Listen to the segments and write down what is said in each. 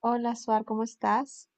Hola, Suar, ¿cómo estás?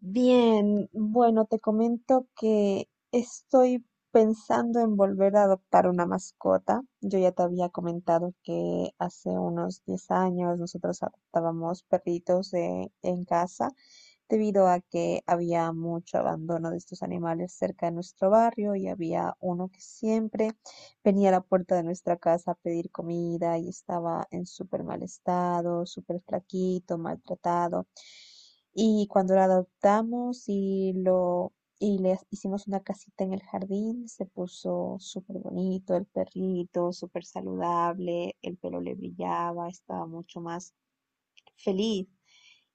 Bien, bueno, te comento que estoy pensando en volver a adoptar una mascota. Yo ya te había comentado que hace unos 10 años nosotros adoptábamos perritos en casa debido a que había mucho abandono de estos animales cerca de nuestro barrio y había uno que siempre venía a la puerta de nuestra casa a pedir comida y estaba en súper mal estado, súper flaquito, maltratado. Y cuando lo adoptamos y le hicimos una casita en el jardín, se puso súper bonito el perrito, súper saludable, el pelo le brillaba, estaba mucho más feliz.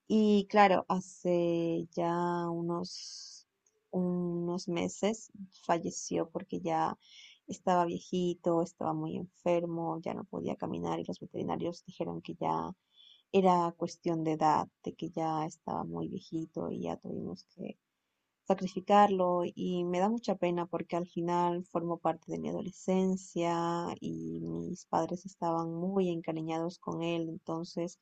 Y claro, hace ya unos meses falleció porque ya estaba viejito, estaba muy enfermo, ya no podía caminar y los veterinarios dijeron que ya era cuestión de edad, de que ya estaba muy viejito y ya tuvimos que sacrificarlo y me da mucha pena porque al final formó parte de mi adolescencia y mis padres estaban muy encariñados con él, entonces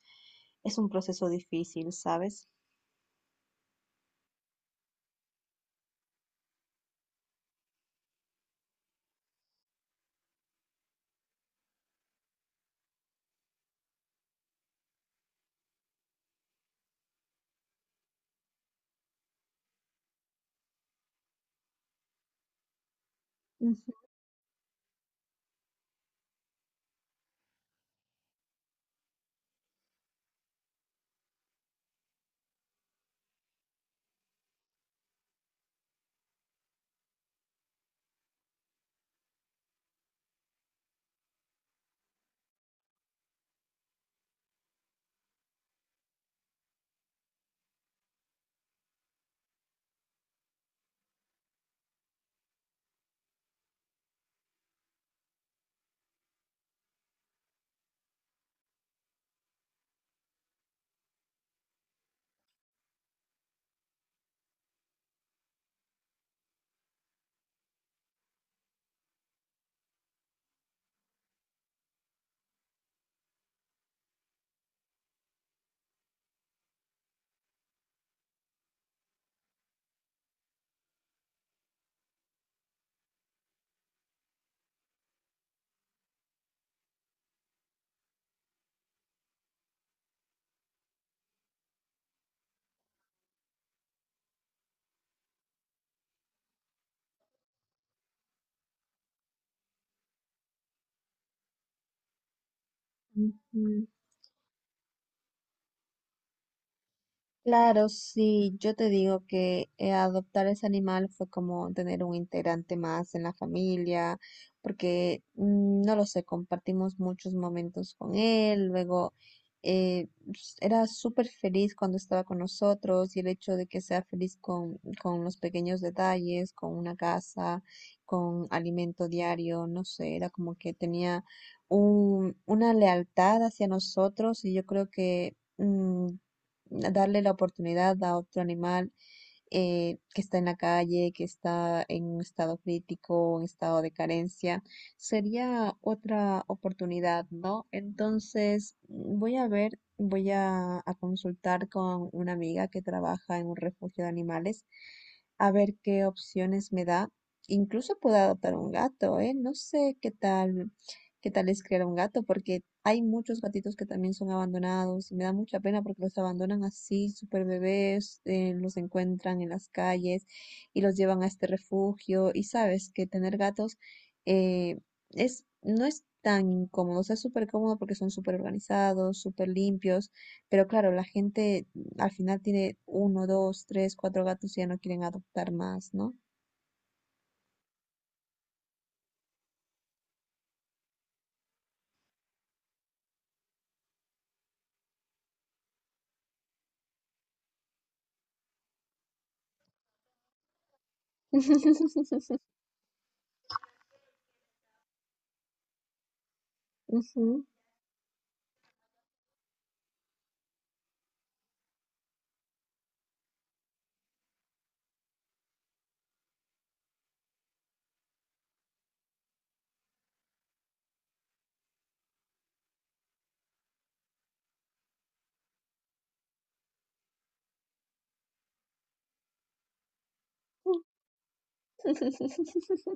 es un proceso difícil, ¿sabes? Ujú, ujú. Claro, sí, yo te digo que adoptar ese animal fue como tener un integrante más en la familia, porque no lo sé, compartimos muchos momentos con él. Luego eh, era súper feliz cuando estaba con nosotros, y el hecho de que sea feliz con los pequeños detalles, con una casa, con alimento diario, no sé, era como que tenía una lealtad hacia nosotros. Y yo creo que darle la oportunidad a otro animal que está en la calle, que está en un estado crítico, un estado de carencia, sería otra oportunidad, ¿no? Entonces, voy a ver, voy a consultar con una amiga que trabaja en un refugio de animales, a ver qué opciones me da. Incluso puedo adoptar un gato, ¿eh? No sé qué tal es criar a un gato, porque hay muchos gatitos que también son abandonados y me da mucha pena porque los abandonan así, súper bebés. Los encuentran en las calles y los llevan a este refugio. Y sabes que tener gatos eh, no es tan incómodo, o sea, es súper cómodo porque son súper organizados, súper limpios, pero claro, la gente al final tiene uno, dos, tres, cuatro gatos y ya no quieren adoptar más, ¿no? Ujú.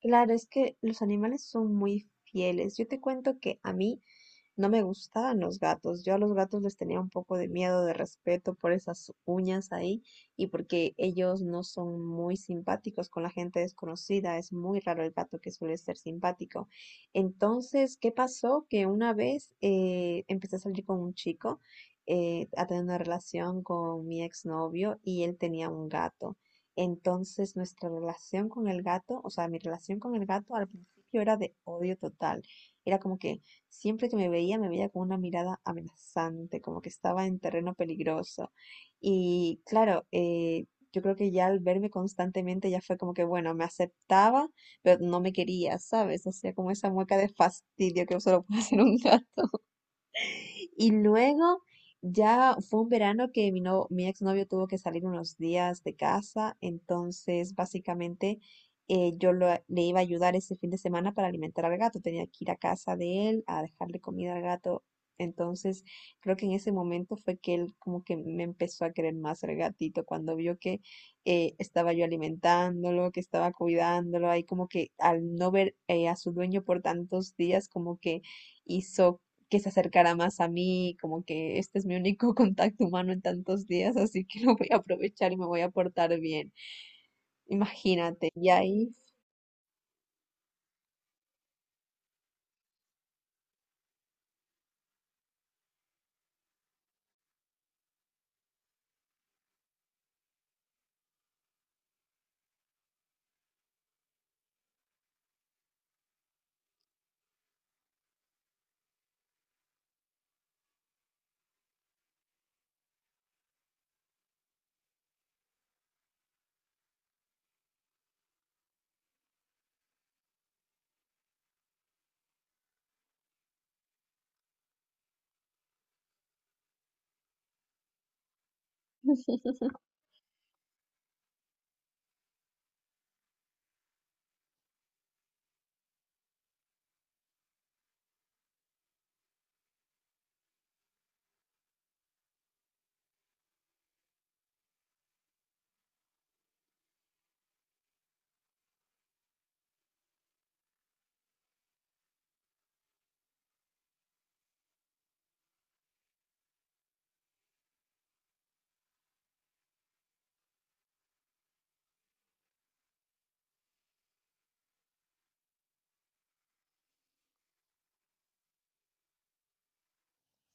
Claro, es que los animales son muy fieles. Yo te cuento que a mí no me gustaban los gatos. Yo a los gatos les tenía un poco de miedo, de respeto por esas uñas ahí, y porque ellos no son muy simpáticos con la gente desconocida. Es muy raro el gato que suele ser simpático. Entonces, ¿qué pasó? Que una vez empecé a salir con un chico, a tener una relación con mi exnovio, y él tenía un gato. Entonces, nuestra relación con el gato, o sea, mi relación con el gato al principio era de odio total. Era como que siempre que me veía con una mirada amenazante, como que estaba en terreno peligroso. Y claro, yo creo que ya al verme constantemente ya fue como que, bueno, me aceptaba, pero no me quería, ¿sabes? O sea, como esa mueca de fastidio que solo puede hacer un gato. Y luego ya fue un verano que mi, no- mi exnovio tuvo que salir unos días de casa, entonces básicamente yo le iba a ayudar ese fin de semana para alimentar al gato, tenía que ir a casa de él a dejarle comida al gato. Entonces creo que en ese momento fue que él como que me empezó a querer más, el gatito, cuando vio que estaba yo alimentándolo, que estaba cuidándolo. Ahí como que al no ver a su dueño por tantos días, como que hizo que se acercara más a mí, como que este es mi único contacto humano en tantos días, así que lo voy a aprovechar y me voy a portar bien. Imagínate. Y ahí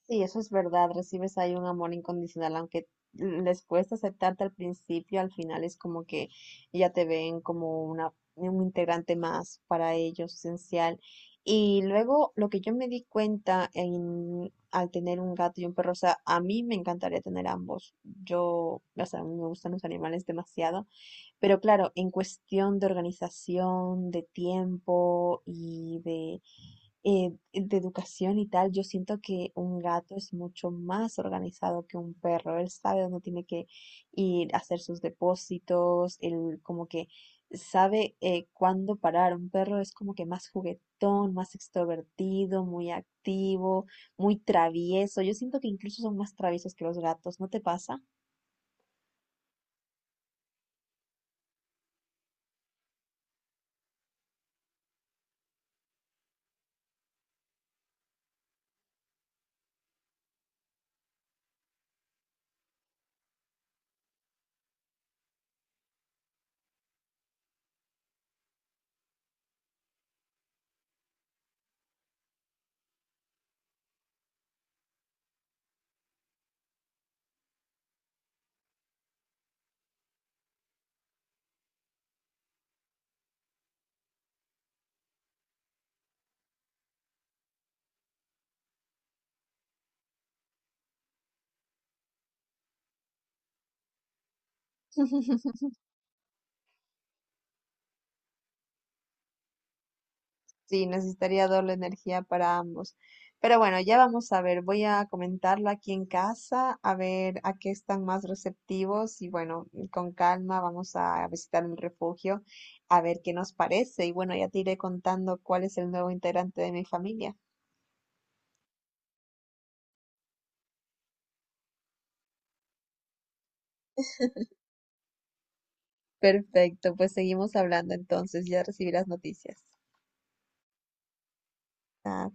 sí, eso es verdad, recibes ahí un amor incondicional, aunque les cuesta aceptarte al principio, al final es como que ya te ven como una, un integrante más para ellos, esencial. Y luego lo que yo me di cuenta en, al tener un gato y un perro, o sea, a mí me encantaría tener ambos. Yo, o sea, a mí me gustan los animales demasiado, pero claro, en cuestión de organización, de tiempo y de educación y tal, yo siento que un gato es mucho más organizado que un perro. Él sabe dónde tiene que ir a hacer sus depósitos, él como que sabe cuándo parar. Un perro es como que más juguetón, más extrovertido, muy activo, muy travieso. Yo siento que incluso son más traviesos que los gatos, ¿no te pasa? Sí, necesitaría doble energía para ambos. Pero bueno, ya vamos a ver. Voy a comentarlo aquí en casa, a ver a qué están más receptivos y bueno, con calma vamos a visitar el refugio, a ver qué nos parece. Y bueno, ya te iré contando cuál es el nuevo integrante de mi familia. Perfecto, pues seguimos hablando entonces, ya recibirás noticias. Ah,